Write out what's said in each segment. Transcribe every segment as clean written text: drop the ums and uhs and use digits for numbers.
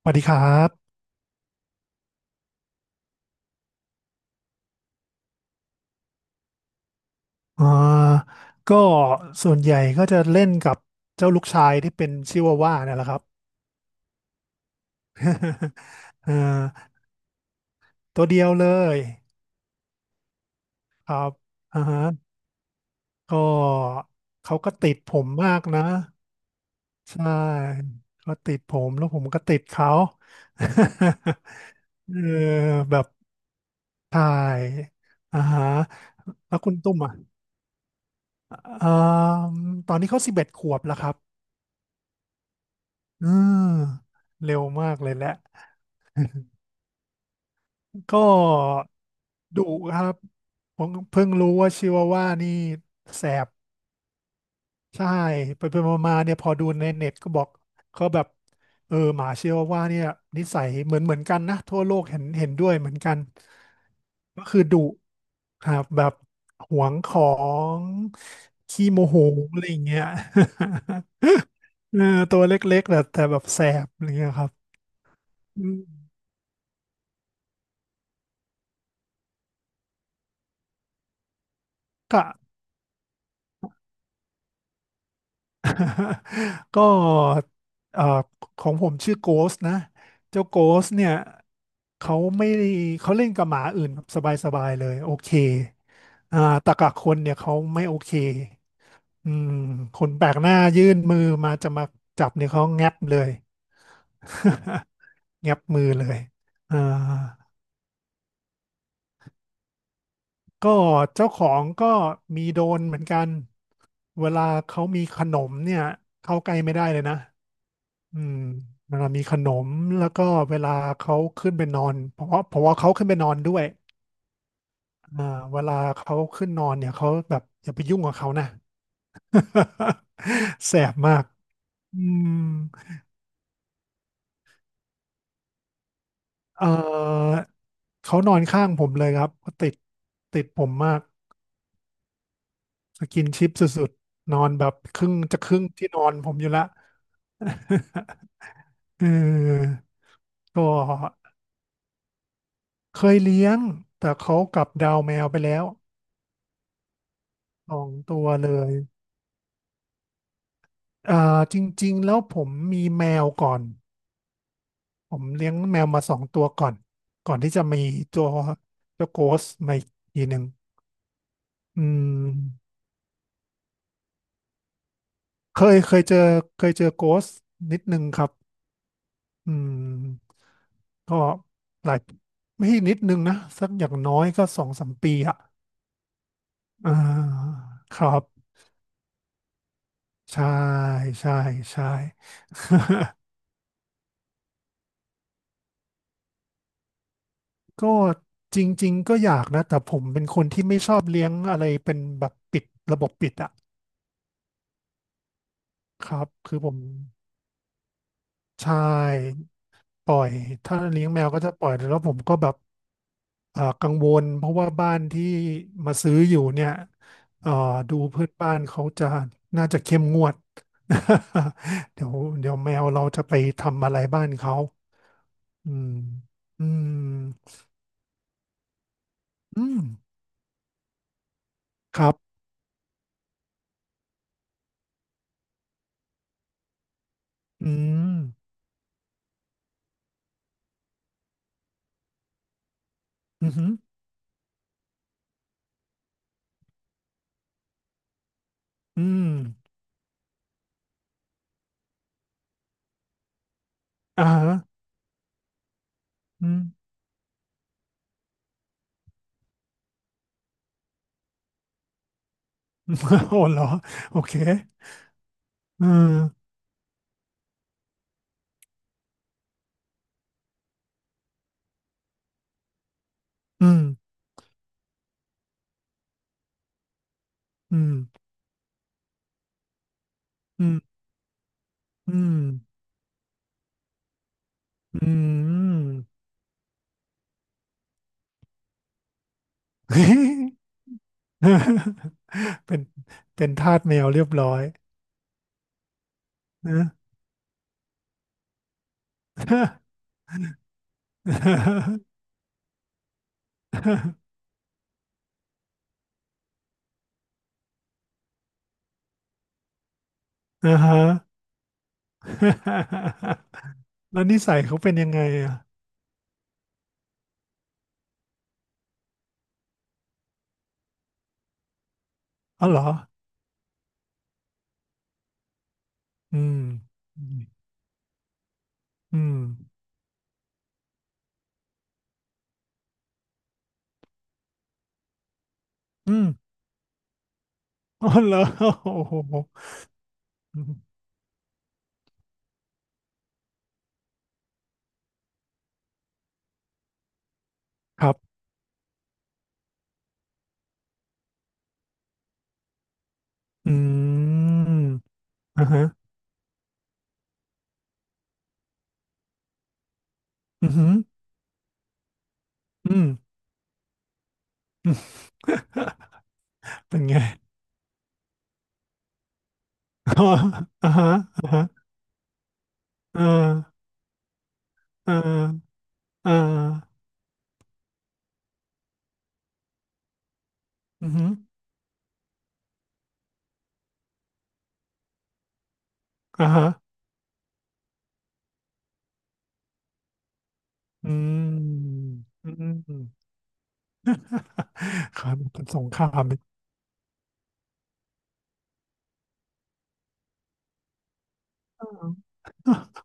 สวัสดีครับอ่าก็ส่วนใหญ่ก็จะเล่นกับเจ้าลูกชายที่เป็นชิวาว่าเนี่ยแหละครับ เอ่อตัวเดียวเลยครับอ่าฮะก็เขาก็ติดผมมากนะ ใช่ เขาติดผมแล้วผมก็ติดเขา เออแบบถ่ายอ่าฮะแล้วคุณตุ้มอ่ะอ่าตอนนี้เขา11 ขวบแล้วครับอืมเร็วมากเลยแหละ ก็ดุครับผมเพิ่งรู้ว่าชิวาว่านี่แสบใช่ไปไปมาๆเนี่ยพอดูในเน็ตก็บอกเขาแบบเออหมาชิวาว่าเนี่ยนิสัยเหมือนเหมือนกันนะทั่วโลกเห็นด้วยเหมือนกันก็คือดุครับแบบหวงของขี้โมโหอะไรอย่างเงี้ย เออตัวเล็กๆแต่แบบแสบอะไรเงี้ยครับอืมค่ะ ก็เอ่อของผมชื่อโกสนะเจ้าโกสเนี่ยเขาไม่ได้เขาเล่นกับหมาอื่นแบบสบายๆเลยโอเคอ่าแตกะคนเนี่ยเขาไม่โอเคอืมคนแปลกหน้ายื่นมือมาจะมาจับเนี่ยเขาแงับเลย แงับมือเลยอ่าก็เจ้าของก็มีโดนเหมือนกันเวลาเขามีขนมเนี่ยเข้าใกล้ไม่ได้เลยนะ อืมเวลามีขนมแล้วก็เวลาเขาขึ้นไปนอนเพราะว่าเขาขึ้นไปนอนด้วยอ่าเวลาเขาขึ้นนอนเนี่ยเขาแบบอย่าไปยุ่งกับเขานะ แสบมากอืมเออเขานอนข้างผมเลยครับเขาติดผมมากสกินชิปสุดๆนอนแบบครึ่งจะครึ่งที่นอนผมอยู่ละ เออก็เคยเลี้ยงแต่เขากลับดาวแมวไปแล้ว2 ตัวเลย จริงๆแล้วผมมีแมวก่อน ผมเลี้ยงแมวมา2 ตัวก่อน ก่อนที่จะมีตัวตัวโกสมาอีกทีหนึ่งอืมเคยเจอเคยเจอโกสนิดนึงครับอืมก็หลายไม่ใช่นิดนึงนะสักอย่างน้อยก็2-3 ปีอะอ่าครับ ใช่ใช่ใช่ ก็จริงๆก็อยากนะแต่ผมเป็นคนที่ไม่ชอบเลี้ยงอะไรเป็นแบบปิดระบบปิดอะ ครับคือผมใช่ปล่อยถ้าเลี้ยงแมวก็จะปล่อยแล้วผมก็แบบกังวลเพราะว่าบ้านที่มาซื้ออยู่เนี่ยเอ่อดูเพื่อนบ้านเขาจะน่าจะเข้มงวด เดี๋ยวเดี๋ยวแมวเราจะไปทำอะไรบ้านเขาอืมอืมอืมครับอืมอืมอหืออืมอ่าฮะอืม โอ้เหรอโอเคอืมอืมอืมอืมอืม อืม เป็นเป็นทาสแมวเรียบร้อยนะ อ่าฮะ แล้วนิสัยเขาเป็นยังไงอ่ะอ๋อเหรออืมอืมอืมอ๋อเหรอ โอ้โหครับอืมอ่าฮะอืมอหืออืม เป็นไง อ๋ออ่าฮะอ่าฮะอ่าอ่าอ่าอืมอหืออ่าฮะ อืมอืม ครับเป็นสงครามนี่ อ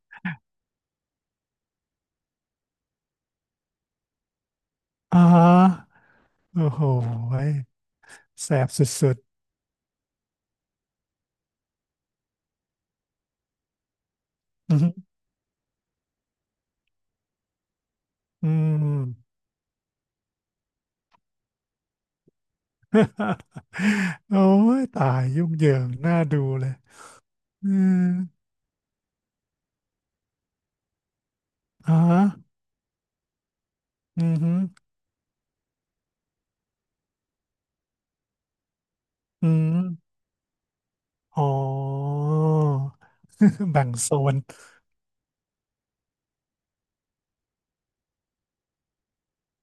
อ่าโอ้โหยแสบสุดๆอืม อืมโอ้ยตายยุ่งเหยิงน่าดูเลยอืมอ่าอืมฮึอืมอ๋อ แบ่งโซน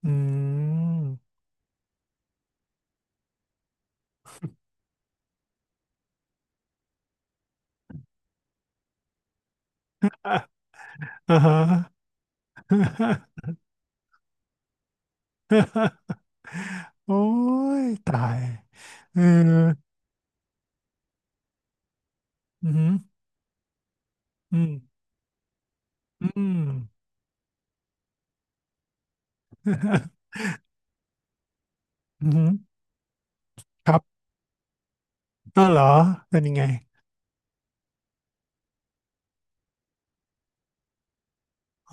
อืมอ่าฮะ โอ้ยตายเอออืมอืม อืม อืมครับอัวเหรอเป็นยังไง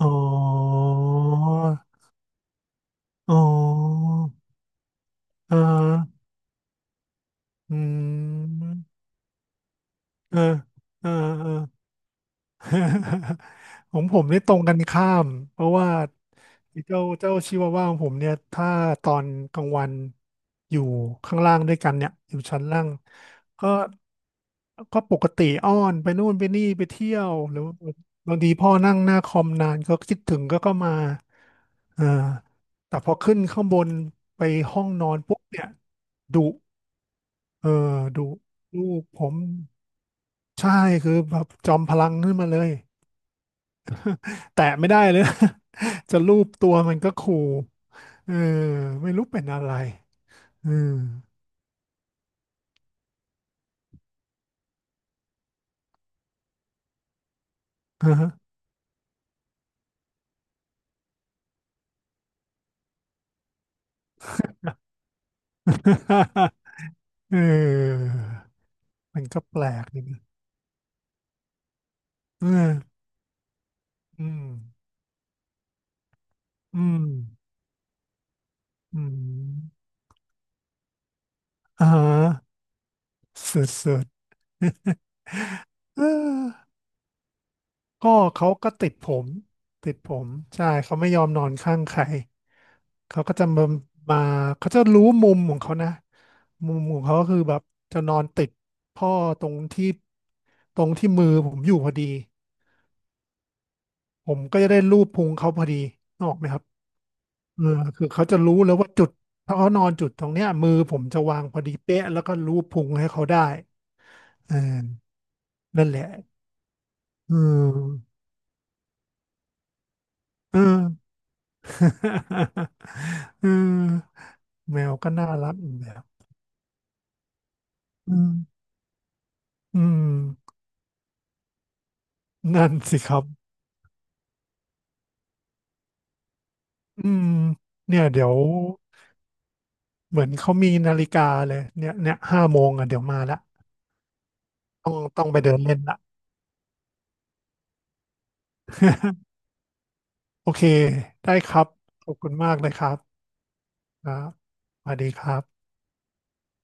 อ๋ออ๋อเอออืมเออเออเออ ของผมนี่ตรงกันข้ามเพราะว่าเจ้าชิวาว่าของผมเนี่ยถ้าตอนกลางวันอยู่ข้างล่างด้วยกันเนี่ยอยู่ชั้นล่างก็ปกติอ้อนไปนู่นไปนี่ไปเที่ยวหรือบางทีพ่อนั่งหน้าคอมนานก็คิดถึงก็มาอ่าแต่พอขึ้นข้างบนไปห้องนอนปุ๊บเนี่ยดุเออดุลูกผมใช่คือแบบจอมพลังขึ้นมาเลย แตะไม่ได้เลย จะรูปตัวมันก็ขู่เออไม่รู้เป็นอะไรเออ อ่าฮะ เออมันก็แปลกดีนะเอออืมอืมอืมอ่าฮะสุดๆเออก็เขาก็ติดผม ติดผม ใช่เขาไม่ยอมนอนข้างใคร เขาก็จะมาเขาจะรู้มุมของเขานะมุมของเขาก็คือแบบจะนอนติดพ่อตรงที่ตรงที่มือผมอยู่พอดีผมก็จะได้ลูบพุงเขาพอดีนกออกไหมครับเออคือเขาจะรู้แล้วว่าจุดถ้าเขานอนจุดตรงเนี้ยมือผมจะวางพอดีเป๊ะแล้วก็ลูบพุงให้เขาได้เออนั่นแหละอืมเอือ อแมวก็น่ารักอีกแบบอืมอืมนั่นสิครับ อืมเนี่ยเดี๋ยวเหมือนเขามีนาฬิกาเลยเนี่ยเนี่ย5 โมงอ่ะเดี๋ยวมาละต้องไปเดินเล่นละโอเคได้ครับขอบคุณมากเลยครับครับสวัสดีครับ